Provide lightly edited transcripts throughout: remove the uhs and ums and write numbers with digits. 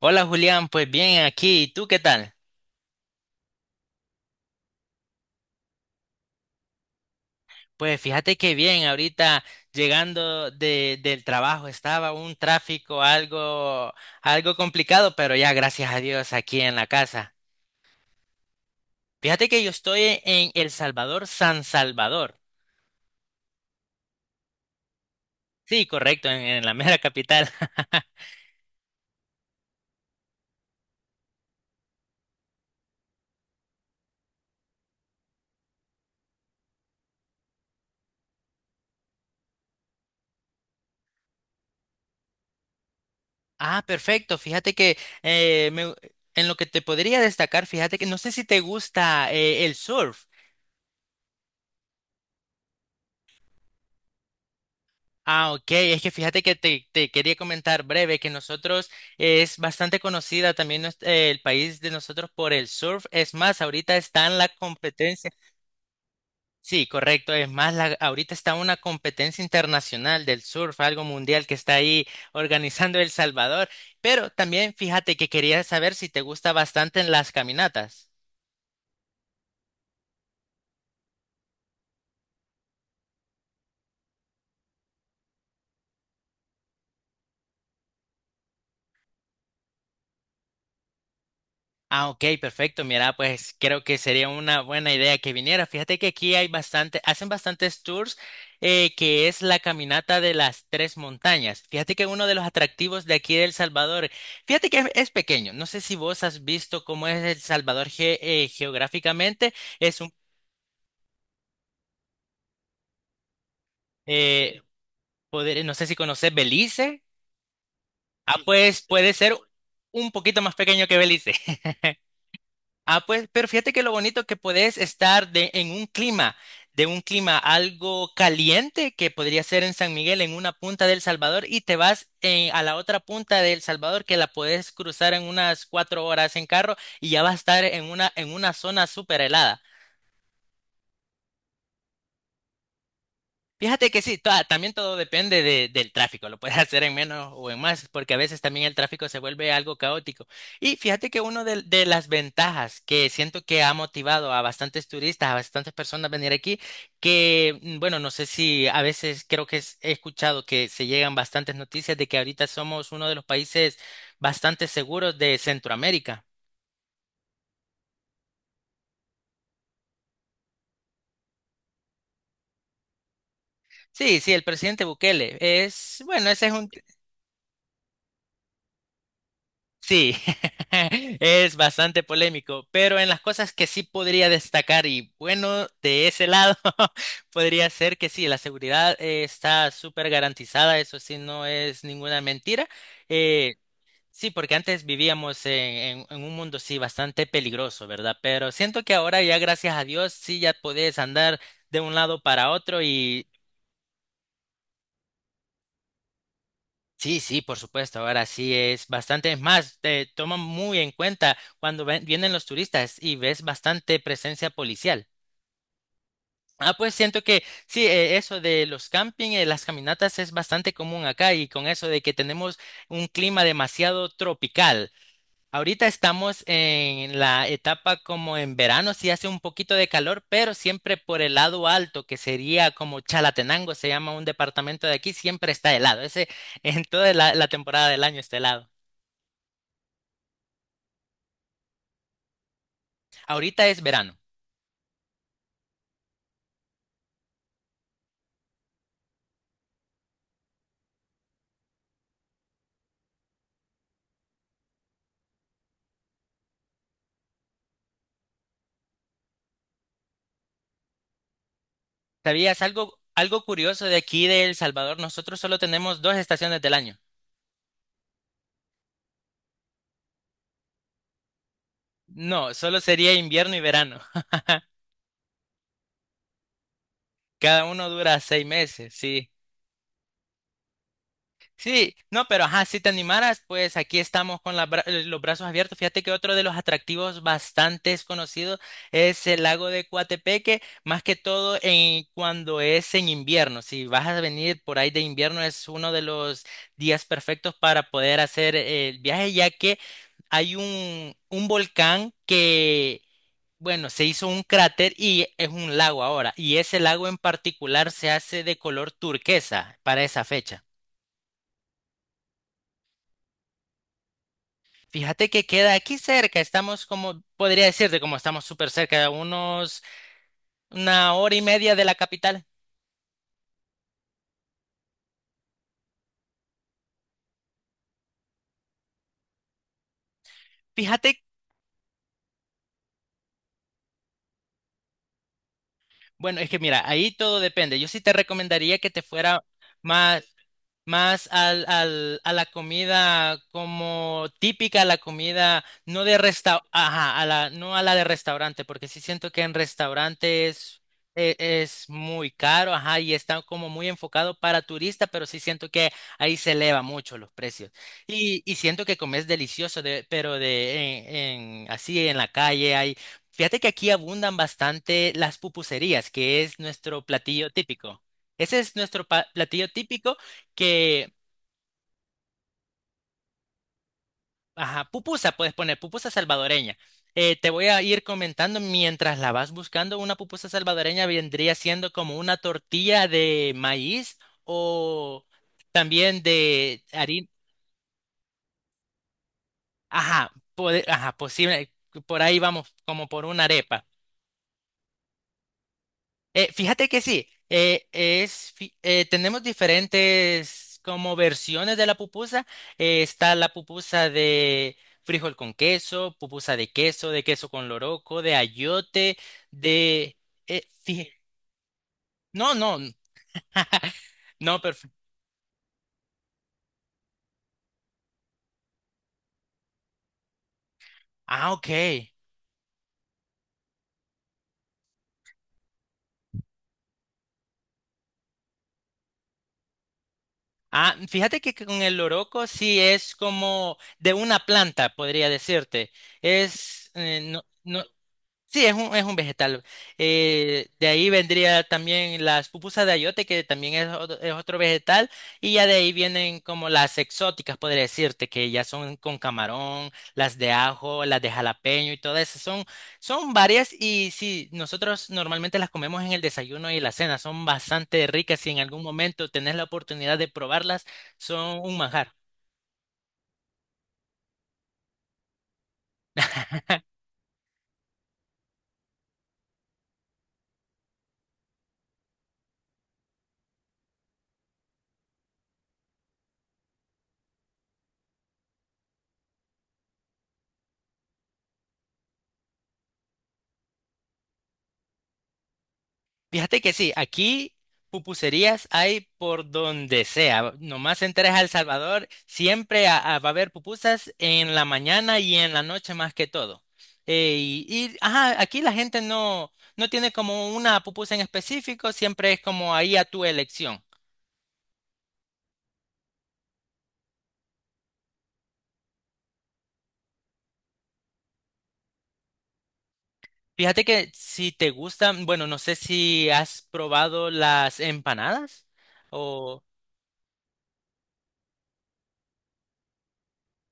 Hola Julián, pues bien aquí, ¿y tú qué tal? Pues fíjate que bien, ahorita llegando del trabajo, estaba un tráfico algo complicado, pero ya gracias a Dios aquí en la casa. Fíjate que yo estoy en El Salvador, San Salvador. Sí, correcto, en la mera capital. Ah, perfecto, fíjate que eh, me- en lo que te podría destacar, fíjate que no sé si te gusta, el surf. Ah, ok, es que fíjate que te quería comentar breve que nosotros, es bastante conocida también el país de nosotros por el surf. Es más, ahorita está en la competencia. Sí, correcto, es más, ahorita está una competencia internacional del surf, algo mundial que está ahí organizando El Salvador. Pero también fíjate que quería saber si te gusta bastante en las caminatas. Ah, ok, perfecto. Mira, pues creo que sería una buena idea que viniera. Fíjate que aquí hay bastante, hacen bastantes tours, que es la caminata de las tres montañas. Fíjate que uno de los atractivos de aquí de El Salvador, fíjate que es pequeño. No sé si vos has visto cómo es El Salvador geográficamente. Es un, eh, poder, no sé si conoces Belice. Ah, pues puede ser un poquito más pequeño que Belice. Ah, pues, pero fíjate que lo bonito, que podés estar de, de un clima algo caliente, que podría ser en San Miguel, en una punta del Salvador, y te vas, a la otra punta del Salvador, que la podés cruzar en unas 4 horas en carro, y ya vas a estar en una zona súper helada. Fíjate que sí, también todo depende del tráfico, lo puedes hacer en menos o en más, porque a veces también el tráfico se vuelve algo caótico. Y fíjate que una de las ventajas que siento que ha motivado a bastantes turistas, a bastantes personas a venir aquí, que bueno, no sé, si a veces creo que he escuchado que se llegan bastantes noticias de que ahorita somos uno de los países bastante seguros de Centroamérica. Sí, sí, el presidente Bukele es, bueno, ese es un... Sí, es bastante polémico, pero en las cosas que sí podría destacar, y bueno, de ese lado, podría ser que sí, la seguridad, está súper garantizada, eso sí, no es ninguna mentira. Eh, sí, porque antes vivíamos en, en un mundo, sí, bastante peligroso, ¿verdad? Pero siento que ahora ya, gracias a Dios, sí, ya podés andar de un lado para otro. Sí, sí, por supuesto. Ahora sí es bastante, es más, te toman muy en cuenta cuando vienen los turistas y ves bastante presencia policial. Ah, pues siento que sí, eso de los camping, las caminatas, es bastante común acá, y con eso de que tenemos un clima demasiado tropical. Ahorita estamos en la etapa como en verano, sí hace un poquito de calor, pero siempre por el lado alto, que sería como Chalatenango, se llama un departamento de aquí, siempre está helado. Ese en toda la temporada del año está helado. Ahorita es verano. ¿Sabías algo, algo curioso de aquí de El Salvador? Nosotros solo tenemos dos estaciones del año. No, solo sería invierno y verano. Cada uno dura 6 meses, sí. Sí, no, pero ajá, si te animaras, pues aquí estamos con los brazos abiertos. Fíjate que otro de los atractivos bastante conocidos es el lago de Coatepeque, más que todo en, cuando es en invierno. Si vas a venir por ahí de invierno, es uno de los días perfectos para poder hacer, el viaje, ya que hay un, volcán que, bueno, se hizo un cráter y es un lago ahora, y ese lago en particular se hace de color turquesa para esa fecha. Fíjate que queda aquí cerca, estamos como, podría decirte, como estamos súper cerca, a unos 1 hora y media de la capital. Fíjate, bueno, es que mira, ahí todo depende. Yo sí te recomendaría que te fuera más, más a la comida como típica, la comida, no ajá, no a la de restaurante, porque sí siento que en restaurantes es muy caro, ajá, y está como muy enfocado para turista, pero sí siento que ahí se eleva mucho los precios. Y siento que comes delicioso, pero en, así en la calle hay. Fíjate que aquí abundan bastante las pupuserías, que es nuestro platillo típico. Ese es nuestro platillo típico que, ajá, pupusa puedes poner, pupusa salvadoreña. Te voy a ir comentando mientras la vas buscando. Una pupusa salvadoreña vendría siendo como una tortilla de maíz o también de harina. Ajá, ajá, posible. Por ahí vamos, como por una arepa. Fíjate que sí, tenemos diferentes como versiones de la pupusa. Está la pupusa de frijol con queso, pupusa de queso con loroco, de ayote, de... eh, fije- No, no, no, perfecto. Ah, ok. Ah, fíjate que con el loroco sí es como de una planta, podría decirte. No, sí, es un vegetal. De ahí vendría también las pupusas de ayote, que también es otro vegetal, y ya de ahí vienen como las exóticas, podría decirte, que ya son con camarón, las de ajo, las de jalapeño y todas esas. Son varias, y sí, nosotros normalmente las comemos en el desayuno y la cena, son bastante ricas, y en algún momento tenés la oportunidad de probarlas, son un manjar. Fíjate que sí, aquí pupuserías hay por donde sea. Nomás entres a El Salvador, siempre va a haber pupusas en la mañana y en la noche, más que todo. Eh, y, ajá, aquí la gente no tiene como una pupusa en específico, siempre es como ahí a tu elección. Fíjate que si te gustan, bueno, no sé si has probado las empanadas.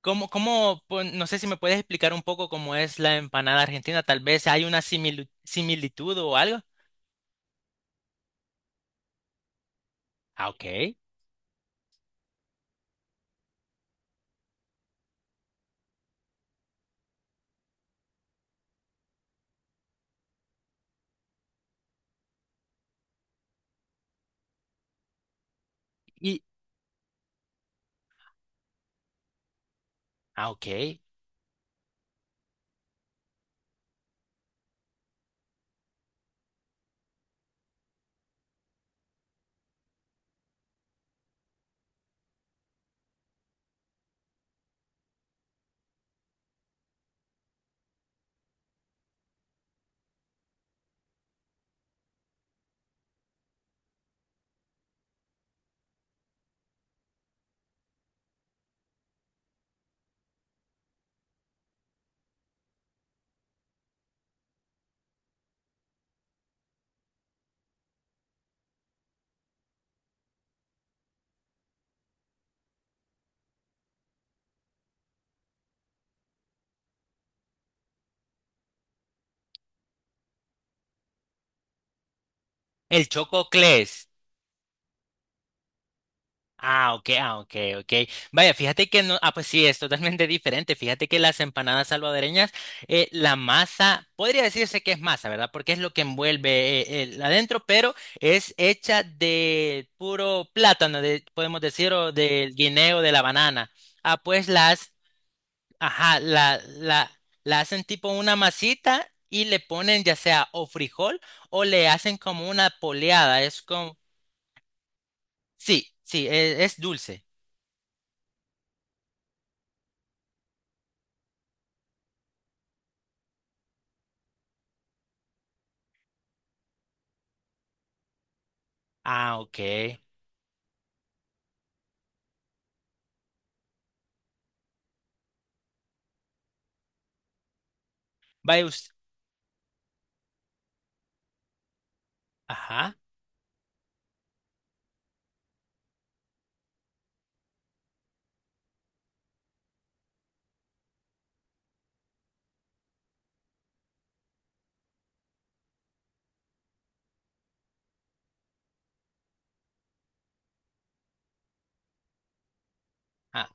¿ Pues, no sé si me puedes explicar un poco cómo es la empanada argentina. Tal vez hay una similitud o algo. Ah, ok. Y, ah, ok. El chococlés. Ah, ok, ah, ok, ok. Vaya, fíjate que no, ah, pues sí, es totalmente diferente. Fíjate que las empanadas salvadoreñas, la masa, podría decirse que es masa, ¿verdad? Porque es lo que envuelve, el adentro, pero es hecha de puro plátano, de, podemos decir, o del guineo, de la banana. Ah, pues las ajá, la hacen tipo una masita y le ponen ya sea o frijol, o le hacen como una poleada. Es como... Sí, sí, es dulce. Ah, ok. Vaya usted. Ajá. Ah,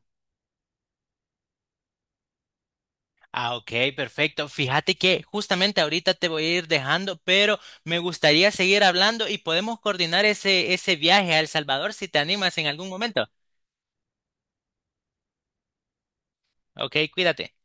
ah, ok, perfecto. Fíjate que justamente ahorita te voy a ir dejando, pero me gustaría seguir hablando y podemos coordinar ese viaje a El Salvador si te animas en algún momento. Ok, cuídate.